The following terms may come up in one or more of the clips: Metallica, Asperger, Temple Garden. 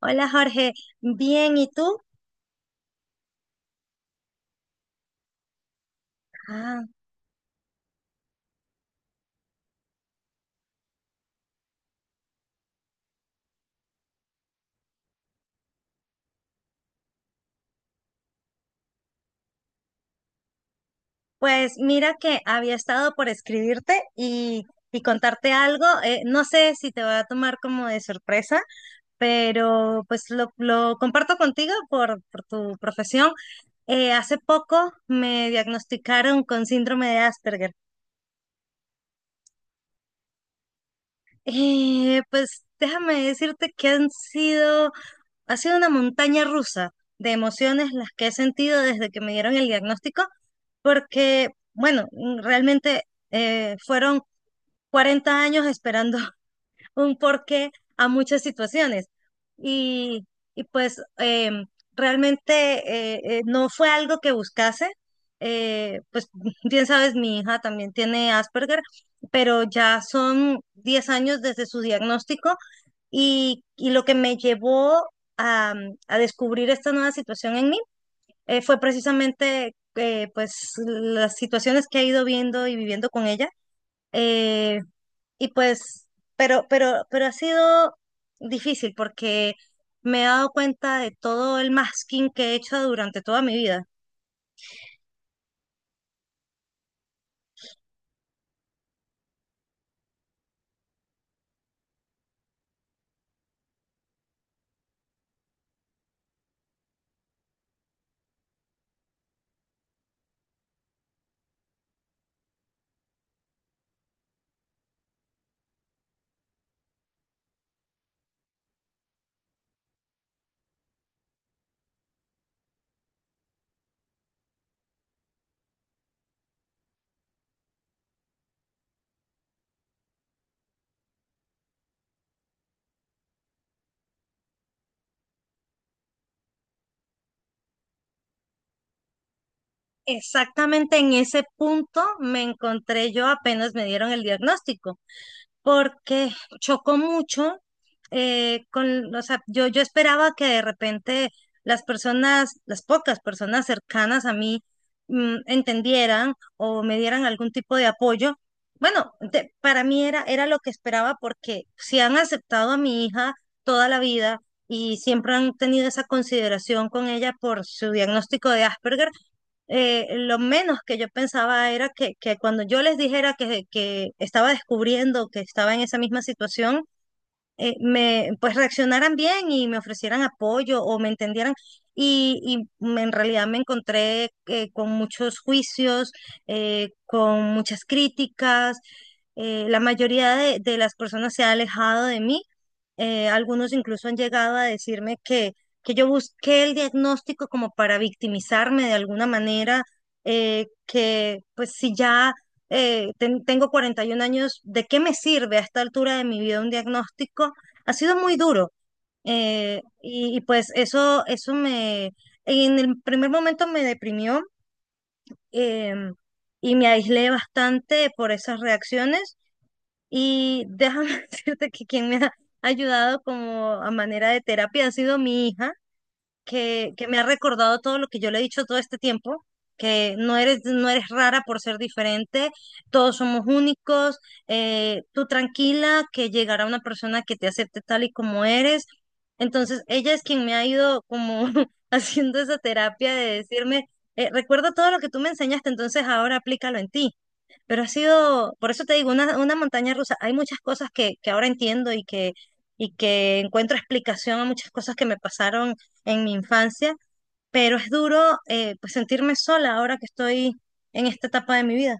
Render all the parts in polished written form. Hola Jorge, bien, ¿y tú? Ah, pues mira que había estado por escribirte y contarte algo. No sé si te va a tomar como de sorpresa, pero pues lo comparto contigo por tu profesión. Hace poco me diagnosticaron con síndrome de Asperger. Pues déjame decirte que ha sido una montaña rusa de emociones las que he sentido desde que me dieron el diagnóstico, porque, bueno, realmente fueron 40 años esperando un porqué a muchas situaciones. Y, y pues em, Realmente no fue algo que buscase. Pues bien sabes, mi hija también tiene Asperger, pero ya son 10 años desde su diagnóstico y lo que me llevó a, a descubrir esta nueva situación en mí fue precisamente pues las situaciones que he ido viendo y viviendo con ella. Eh, y pues, pero ha sido difícil porque me he dado cuenta de todo el masking que he hecho durante toda mi vida. Exactamente en ese punto me encontré yo apenas me dieron el diagnóstico. Porque chocó mucho con, o sea, yo esperaba que de repente las personas, las pocas personas cercanas a mí entendieran o me dieran algún tipo de apoyo. Bueno, para mí era lo que esperaba porque si han aceptado a mi hija toda la vida y siempre han tenido esa consideración con ella por su diagnóstico de Asperger, lo menos que yo pensaba era que cuando yo les dijera que estaba descubriendo, que estaba en esa misma situación, pues reaccionaran bien y me ofrecieran apoyo o me entendieran. Y, en realidad me encontré con muchos juicios, con muchas críticas. La mayoría de las personas se ha alejado de mí. Algunos incluso han llegado a decirme que yo busqué el diagnóstico como para victimizarme de alguna manera, que pues si ya tengo 41 años, ¿de qué me sirve a esta altura de mi vida un diagnóstico? Ha sido muy duro. Y pues eso en el primer momento me deprimió em, y me aislé bastante por esas reacciones. Y déjame decirte que quien me ha ayudado como a manera de terapia ha sido mi hija que me ha recordado todo lo que yo le he dicho todo este tiempo, que no eres rara por ser diferente, todos somos únicos, tú tranquila, que llegará una persona que te acepte tal y como eres. Entonces, ella es quien me ha ido como haciendo esa terapia de decirme, recuerda todo lo que tú me enseñaste, entonces ahora aplícalo en ti. Pero ha sido, por eso te digo, una montaña rusa. Hay muchas cosas que ahora entiendo y y que encuentro explicación a muchas cosas que me pasaron en mi infancia, pero es duro pues sentirme sola ahora que estoy en esta etapa de mi vida.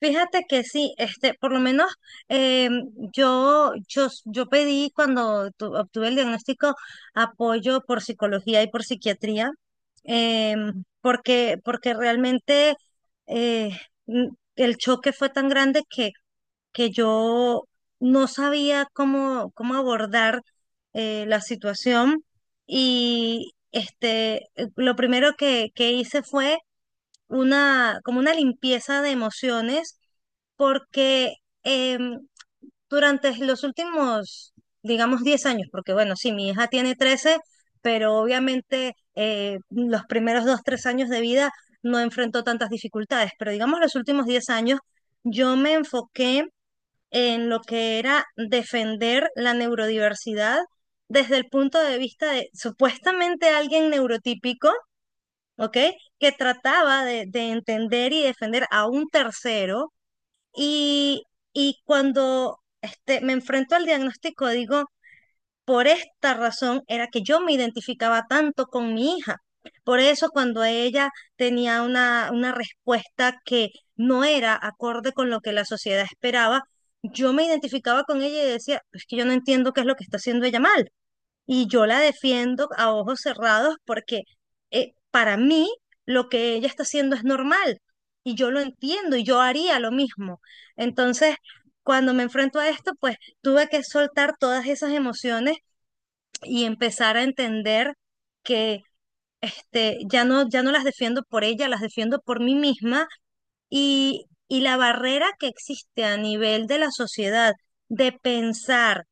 Fíjate que sí, este, por lo menos em, yo pedí cuando obtuve el diagnóstico apoyo por psicología y por psiquiatría, porque realmente eh, n- el choque fue tan grande que yo no sabía cómo abordar la situación y este, lo primero que hice fue una, como una limpieza de emociones, porque em, durante los últimos, digamos, 10 años, porque bueno, sí, mi hija tiene 13 pero obviamente los primeros 2 3 años de vida no enfrentó tantas dificultades, pero digamos los últimos 10 años, yo me enfoqué en lo que era defender la neurodiversidad desde el punto de vista de supuestamente alguien neurotípico ¿ok? Que trataba de entender y defender a un tercero. Y, y cuando este, me enfrento al diagnóstico, digo, por esta razón era que yo me identificaba tanto con mi hija. Por eso cuando ella tenía una respuesta que no era acorde con lo que la sociedad esperaba, yo me identificaba con ella y decía, es que yo no entiendo qué es lo que está haciendo ella mal. Y yo la defiendo a ojos cerrados porque para mí lo que ella está haciendo es normal y yo lo entiendo y yo haría lo mismo. Entonces, cuando me enfrento a esto, pues tuve que soltar todas esas emociones y empezar a entender que este, ya no las defiendo por ella, las defiendo por mí misma y la barrera que existe a nivel de la sociedad de pensar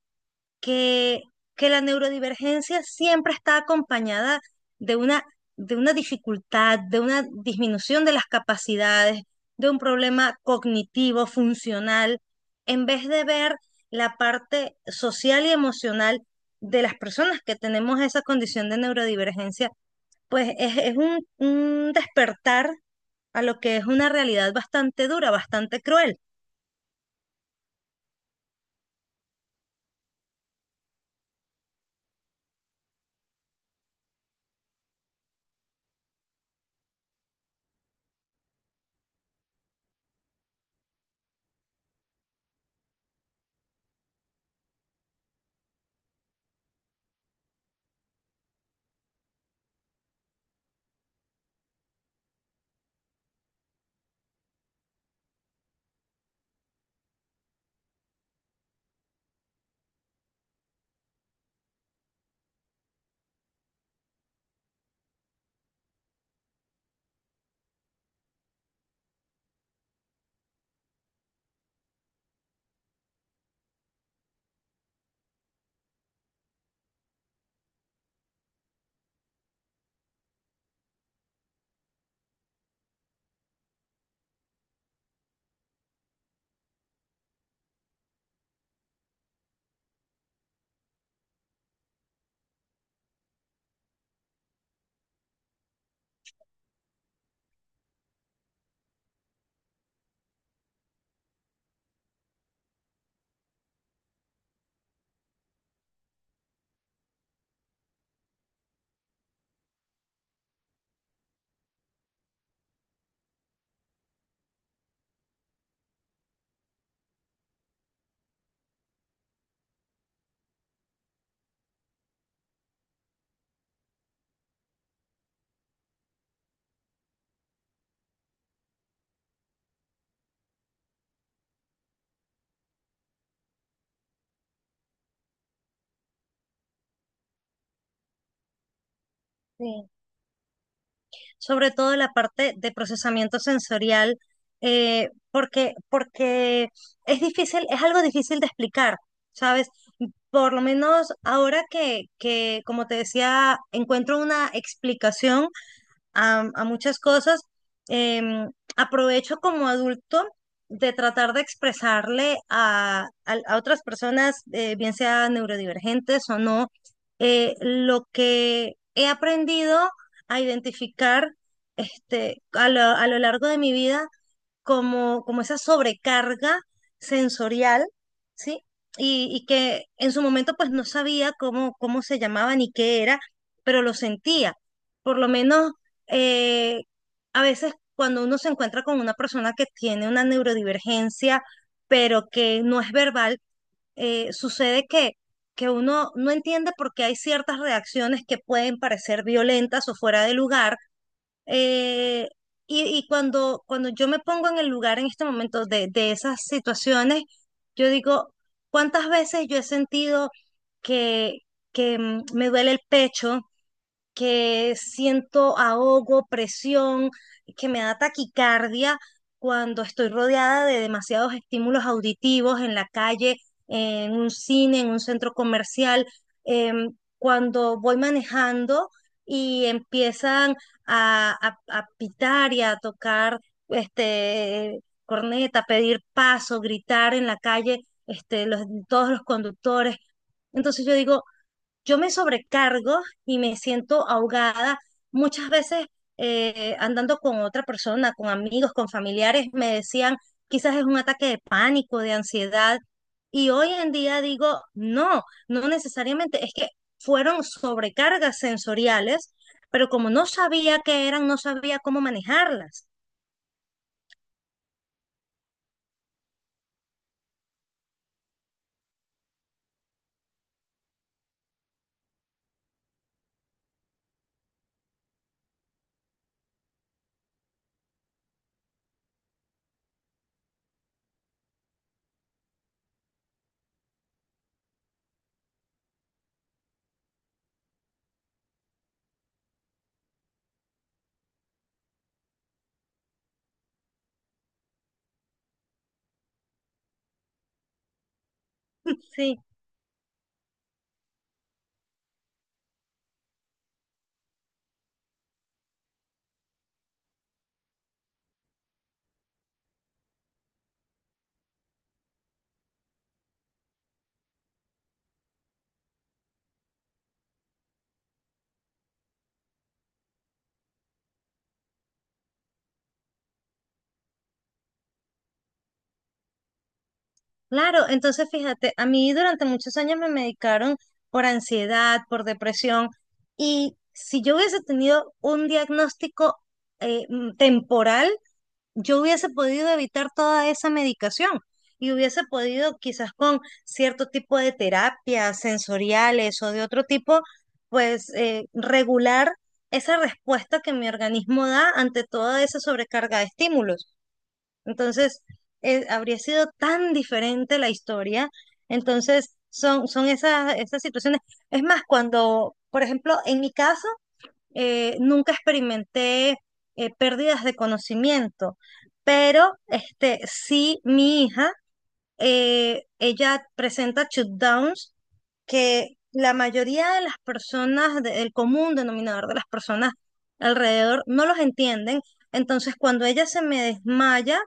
que, que la neurodivergencia siempre está acompañada de una, de una dificultad, de una disminución de las capacidades, de un problema cognitivo, funcional, en vez de ver la parte social y emocional de las personas que tenemos esa condición de neurodivergencia, pues es un despertar a lo que es una realidad bastante dura, bastante cruel. Sí. Sobre todo la parte de procesamiento sensorial, porque es difícil, es algo difícil de explicar, ¿sabes? Por lo menos ahora como te decía, encuentro una explicación a muchas cosas. Em, Aprovecho como adulto de tratar de expresarle a, a otras personas, bien sean neurodivergentes o no, lo que he aprendido a identificar este, a lo largo de mi vida como esa sobrecarga sensorial, ¿sí? Y que en su momento pues no sabía cómo se llamaba ni qué era, pero lo sentía. Por lo menos eh, a veces cuando uno se encuentra con una persona que tiene una neurodivergencia, pero que no es verbal, sucede que uno no entiende por qué hay ciertas reacciones que pueden parecer violentas o fuera de lugar eh, y cuando yo me pongo en el lugar en este momento de esas situaciones, yo digo, ¿cuántas veces yo he sentido que, que me duele el pecho? Que siento ahogo, presión, que me da taquicardia cuando estoy rodeada de demasiados estímulos auditivos en la calle, en un cine, en un centro comercial, cuando voy manejando y empiezan a, a pitar y a tocar este corneta, pedir paso, gritar en la calle, este, los, todos los conductores. Entonces yo digo, yo me sobrecargo y me siento ahogada. Muchas veces andando con otra persona, con amigos, con familiares, me decían, quizás es un ataque de pánico, de ansiedad. Y hoy en día digo, no, no necesariamente, es que fueron sobrecargas sensoriales, pero como no sabía qué eran, no sabía cómo manejarlas. Sí. Claro, entonces fíjate, a mí durante muchos años me medicaron por ansiedad, por depresión, y si yo hubiese tenido un diagnóstico temporal, yo hubiese podido evitar toda esa medicación y hubiese podido quizás con cierto tipo de terapias sensoriales o de otro tipo, pues regular esa respuesta que mi organismo da ante toda esa sobrecarga de estímulos. Entonces, habría sido tan diferente la historia. Entonces, son esas situaciones. Es más, cuando, por ejemplo, en mi caso, nunca experimenté pérdidas de conocimiento, pero este, sí mi hija, ella presenta shutdowns que la mayoría de las personas, el común denominador de las personas alrededor, no los entienden. Entonces, cuando ella se me desmaya,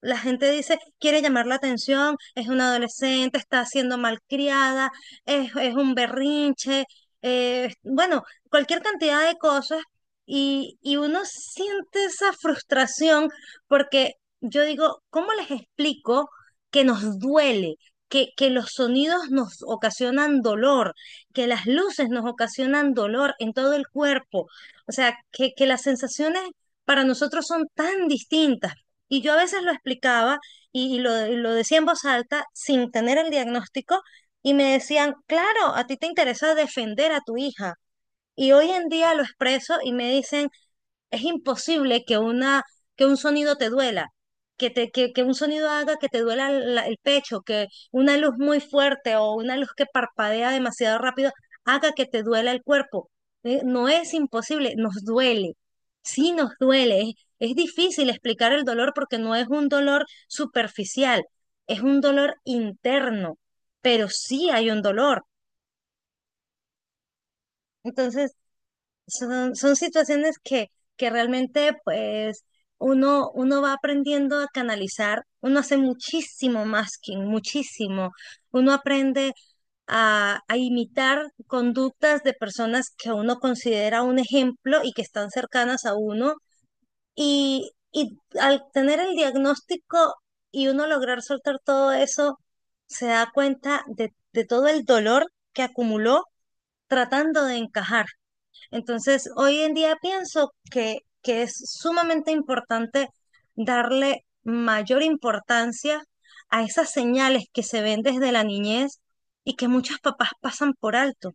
la gente dice, quiere llamar la atención, es una adolescente, está siendo malcriada, es un berrinche, bueno, cualquier cantidad de cosas. Y uno siente esa frustración porque yo digo, ¿cómo les explico que nos duele? Que los sonidos nos ocasionan dolor, que las luces nos ocasionan dolor en todo el cuerpo, o sea, que las sensaciones para nosotros son tan distintas. Y yo a veces lo explicaba y lo decía en voz alta sin tener el diagnóstico y me decían, claro, a ti te interesa defender a tu hija. Y hoy en día lo expreso y me dicen, es imposible que que un sonido te duela, que que un sonido haga que te duela el pecho, que una luz muy fuerte o una luz que parpadea demasiado rápido haga que te duela el cuerpo. No es imposible, nos duele. Sí nos duele. Es difícil explicar el dolor porque no es un dolor superficial, es un dolor interno, pero sí hay un dolor. Entonces, son situaciones que realmente pues uno va aprendiendo a canalizar, uno hace muchísimo masking, muchísimo. Uno aprende a imitar conductas de personas que uno considera un ejemplo y que están cercanas a uno. Y al tener el diagnóstico y uno lograr soltar todo eso, se da cuenta de todo el dolor que acumuló tratando de encajar. Entonces, hoy en día pienso que es sumamente importante darle mayor importancia a esas señales que se ven desde la niñez y que muchos papás pasan por alto.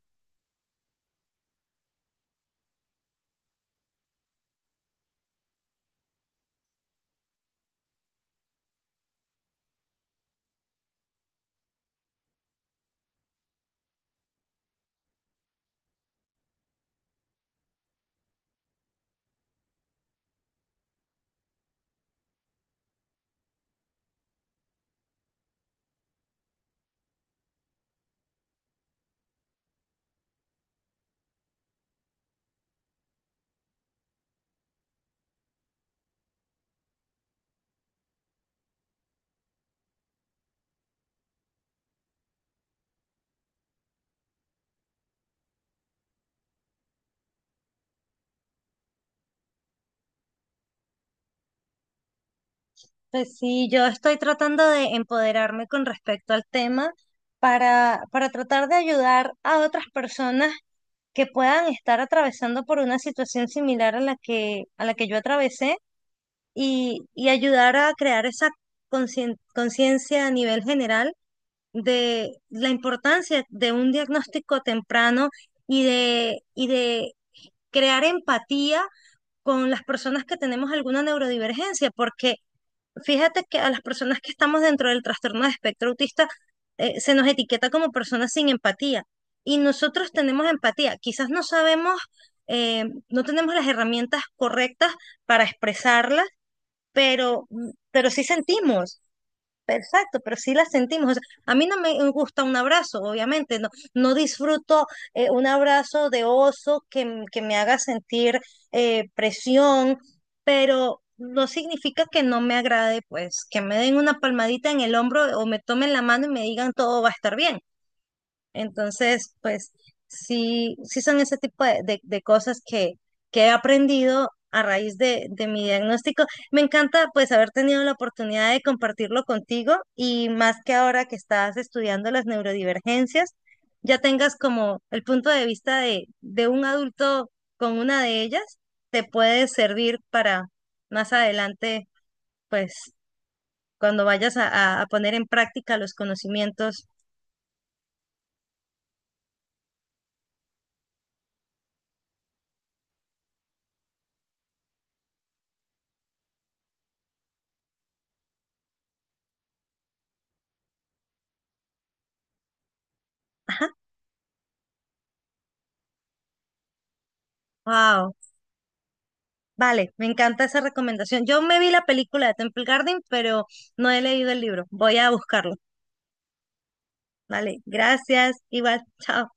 Pues sí, yo estoy tratando de empoderarme con respecto al tema para tratar de ayudar a otras personas que puedan estar atravesando por una situación similar a la a la que yo atravesé y ayudar a crear esa conciencia a nivel general de la importancia de un diagnóstico temprano y de crear empatía con las personas que tenemos alguna neurodivergencia, porque fíjate que a las personas que estamos dentro del trastorno de espectro autista se nos etiqueta como personas sin empatía y nosotros tenemos empatía, quizás no sabemos, no tenemos las herramientas correctas para expresarla pero, pero sí sentimos, exacto, pero sí la sentimos. O sea, a mí no me gusta un abrazo, obviamente, no disfruto un abrazo de oso que me haga sentir presión, pero no significa que no me agrade, pues, que me den una palmadita en el hombro o me tomen la mano y me digan todo va a estar bien. Entonces, pues sí, sí son ese tipo de, de cosas que he aprendido a raíz de mi diagnóstico. Me encanta pues haber tenido la oportunidad de compartirlo contigo y más que ahora que estás estudiando las neurodivergencias, ya tengas como el punto de vista de un adulto con una de ellas, te puede servir para más adelante, pues cuando vayas a, a poner en práctica los conocimientos. Ajá. Wow. Vale, me encanta esa recomendación. Yo me vi la película de Temple Garden, pero no he leído el libro. Voy a buscarlo. Vale, gracias. Igual, chao.